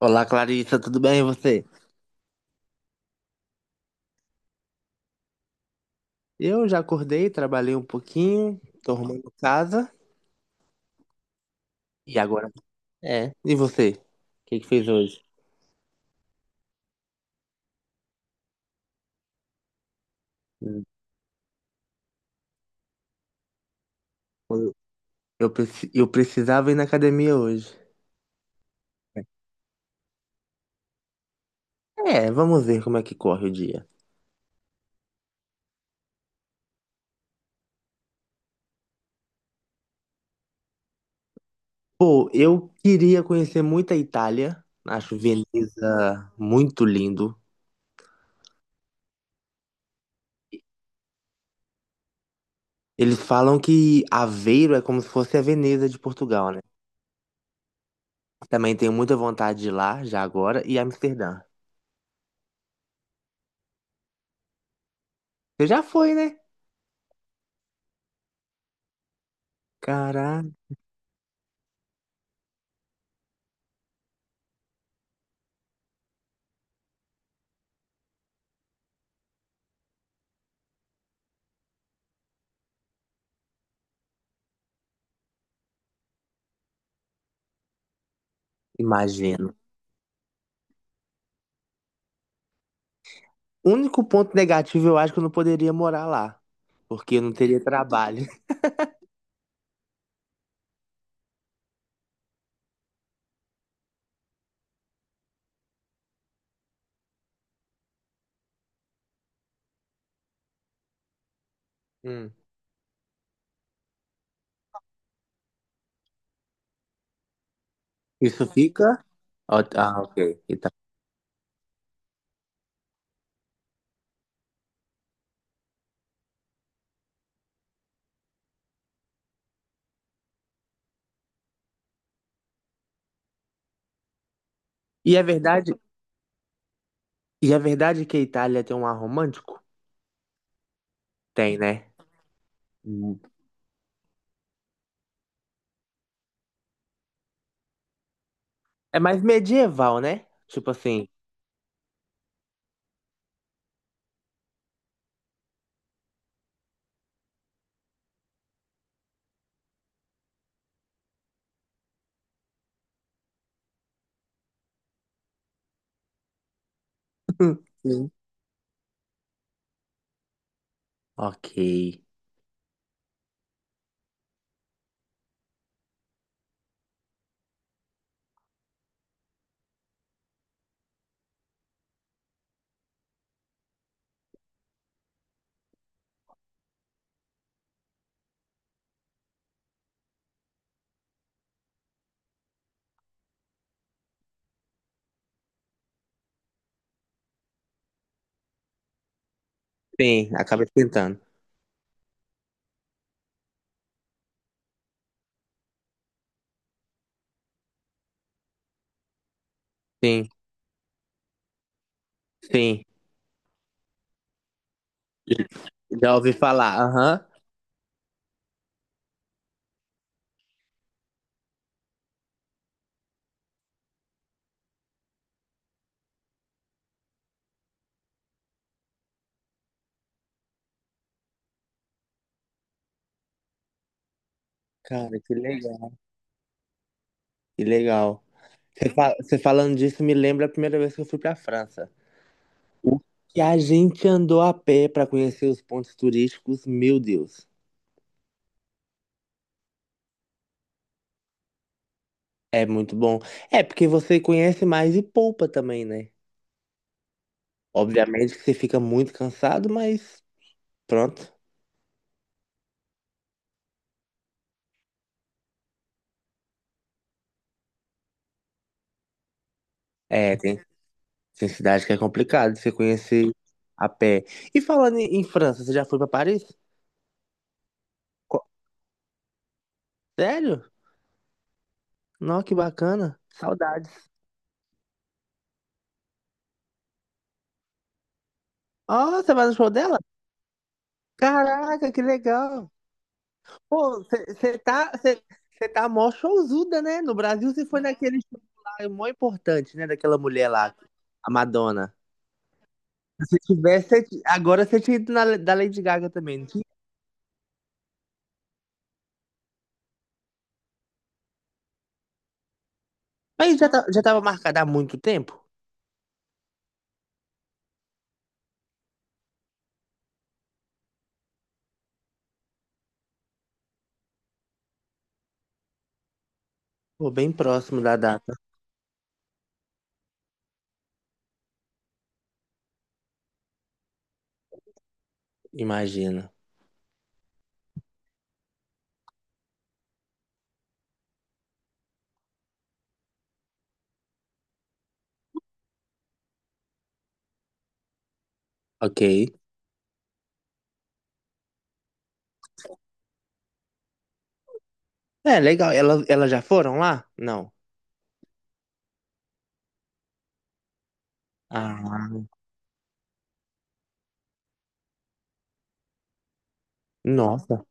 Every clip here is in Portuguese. Olá, Clarissa, tudo bem e você? Eu já acordei, trabalhei um pouquinho, tô arrumando casa e agora é. E você? O que que fez hoje? Hum. Eu, eu precisava ir na academia hoje. É, vamos ver como é que corre o dia. Pô, eu queria conhecer muito a Itália. Acho Veneza muito lindo. Eles falam que Aveiro é como se fosse a Veneza de Portugal, né? Também tenho muita vontade de ir lá já agora e Amsterdã. Você já foi, né? Caraca, imagino. O único ponto negativo, eu acho que eu não poderia morar lá, porque eu não teria trabalho. Hum. Isso fica? Ó, ah, ok. E é verdade, e é verdade que a Itália tem um ar romântico? Tem, né? Hum. É mais medieval, né? Tipo assim. Sim. Ok. Sim, acaba esquentando. Sim, sim. Já ouvi falar. Aham. Cara, que legal. Que legal. Você falando disso me lembra a primeira vez que eu fui pra França. O que a gente andou a pé para conhecer os pontos turísticos, meu Deus, é muito bom. É porque você conhece mais e poupa também, né? Obviamente que você fica muito cansado, mas pronto. É, tem, tem cidade que é complicado você conhecer a pé. E falando em França, você já foi para Paris? Co- Sério? Nossa, que bacana. Saudades. Ó, você vai no show dela? Caraca, que legal. Pô, você tá, cê, cê tá mó showzuda, né? No Brasil você foi naquele show lá, é mó importante, né? Daquela mulher lá, a Madonna. Se tivesse, agora você tinha ido na, da Lady Gaga também, não tinha? Mas já, já tava marcada há muito tempo? Pô, bem próximo da data, imagina. Ok. É, legal. Ela, elas já foram lá? Não. Ah, nossa.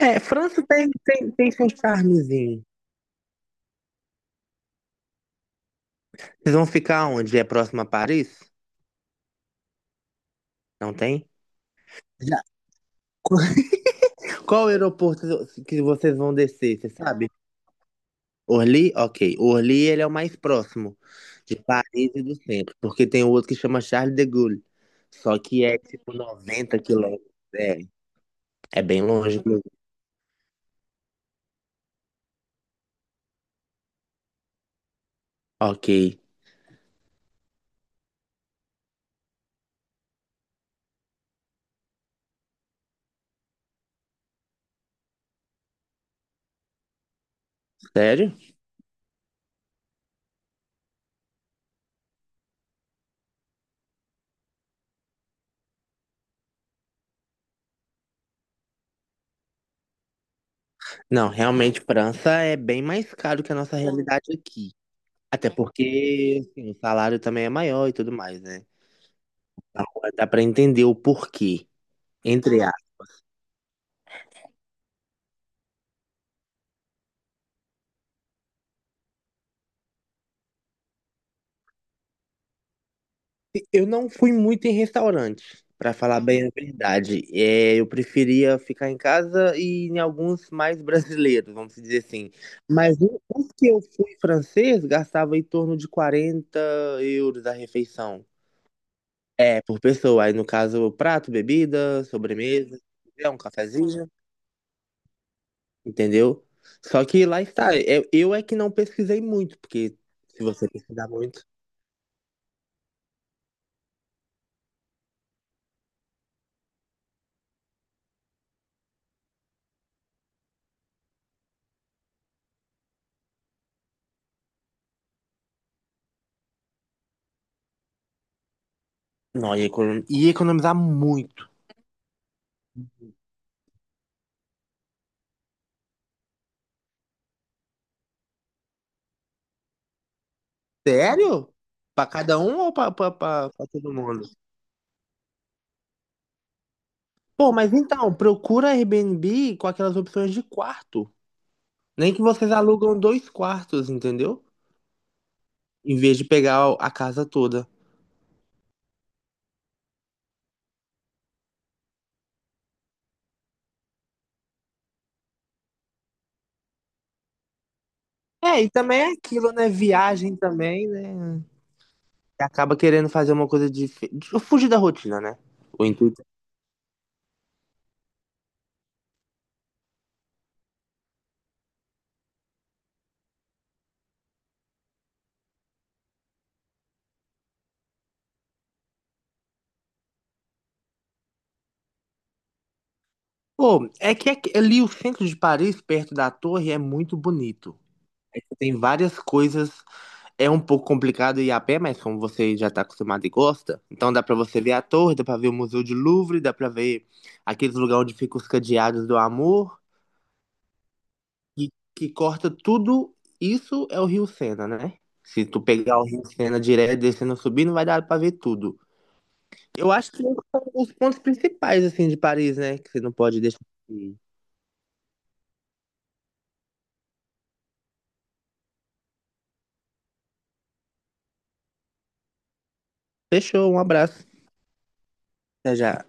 É, França tem seu charmezinho. Vocês vão ficar onde? É próximo a Paris? Não tem? Já. Qual aeroporto que vocês vão descer, você sabe? Orly? Ok. O Orly, ele é o mais próximo de Paris e do centro, porque tem um outro que chama Charles de Gaulle, só que é tipo 90 quilômetros. É, é bem longe, inclusive. Ok. Sério? Não, realmente, França é bem mais caro que a nossa realidade aqui. Até porque assim, o salário também é maior e tudo mais, né? Agora dá pra entender o porquê, entre. Eu não fui muito em restaurante, pra falar bem a verdade. É, eu preferia ficar em casa e em alguns mais brasileiros, vamos dizer assim. Mas os que eu fui francês gastava em torno de 40 euros a refeição. É, por pessoa. Aí, no caso, prato, bebida, sobremesa, é um cafezinho, entendeu? Só que lá está. Eu é que não pesquisei muito, porque se você pesquisar muito. Não, ia economizar muito. Sério? Pra cada um ou pra todo mundo? Pô, mas então, procura Airbnb com aquelas opções de quarto. Nem que vocês alugam 2 quartos, entendeu? Em vez de pegar a casa toda. É, e também é aquilo, né? Viagem também, né? Acaba querendo fazer uma coisa de fugir da rotina, né? O intuito. Pô, é que ali o centro de Paris, perto da torre, é muito bonito. É que tem várias coisas. É um pouco complicado ir a pé, mas como você já está acostumado e gosta, então dá para você ver a torre, dá para ver o Museu de Louvre, dá para ver aqueles lugares onde ficam os cadeados do amor, e que corta tudo. Isso é o Rio Sena, né? Se tu pegar o Rio Sena direto, descendo, subindo, vai dar para ver tudo. Eu acho que esses são os pontos principais, assim, de Paris, né? Que você não pode deixar de ir. Fechou, um abraço. Até já.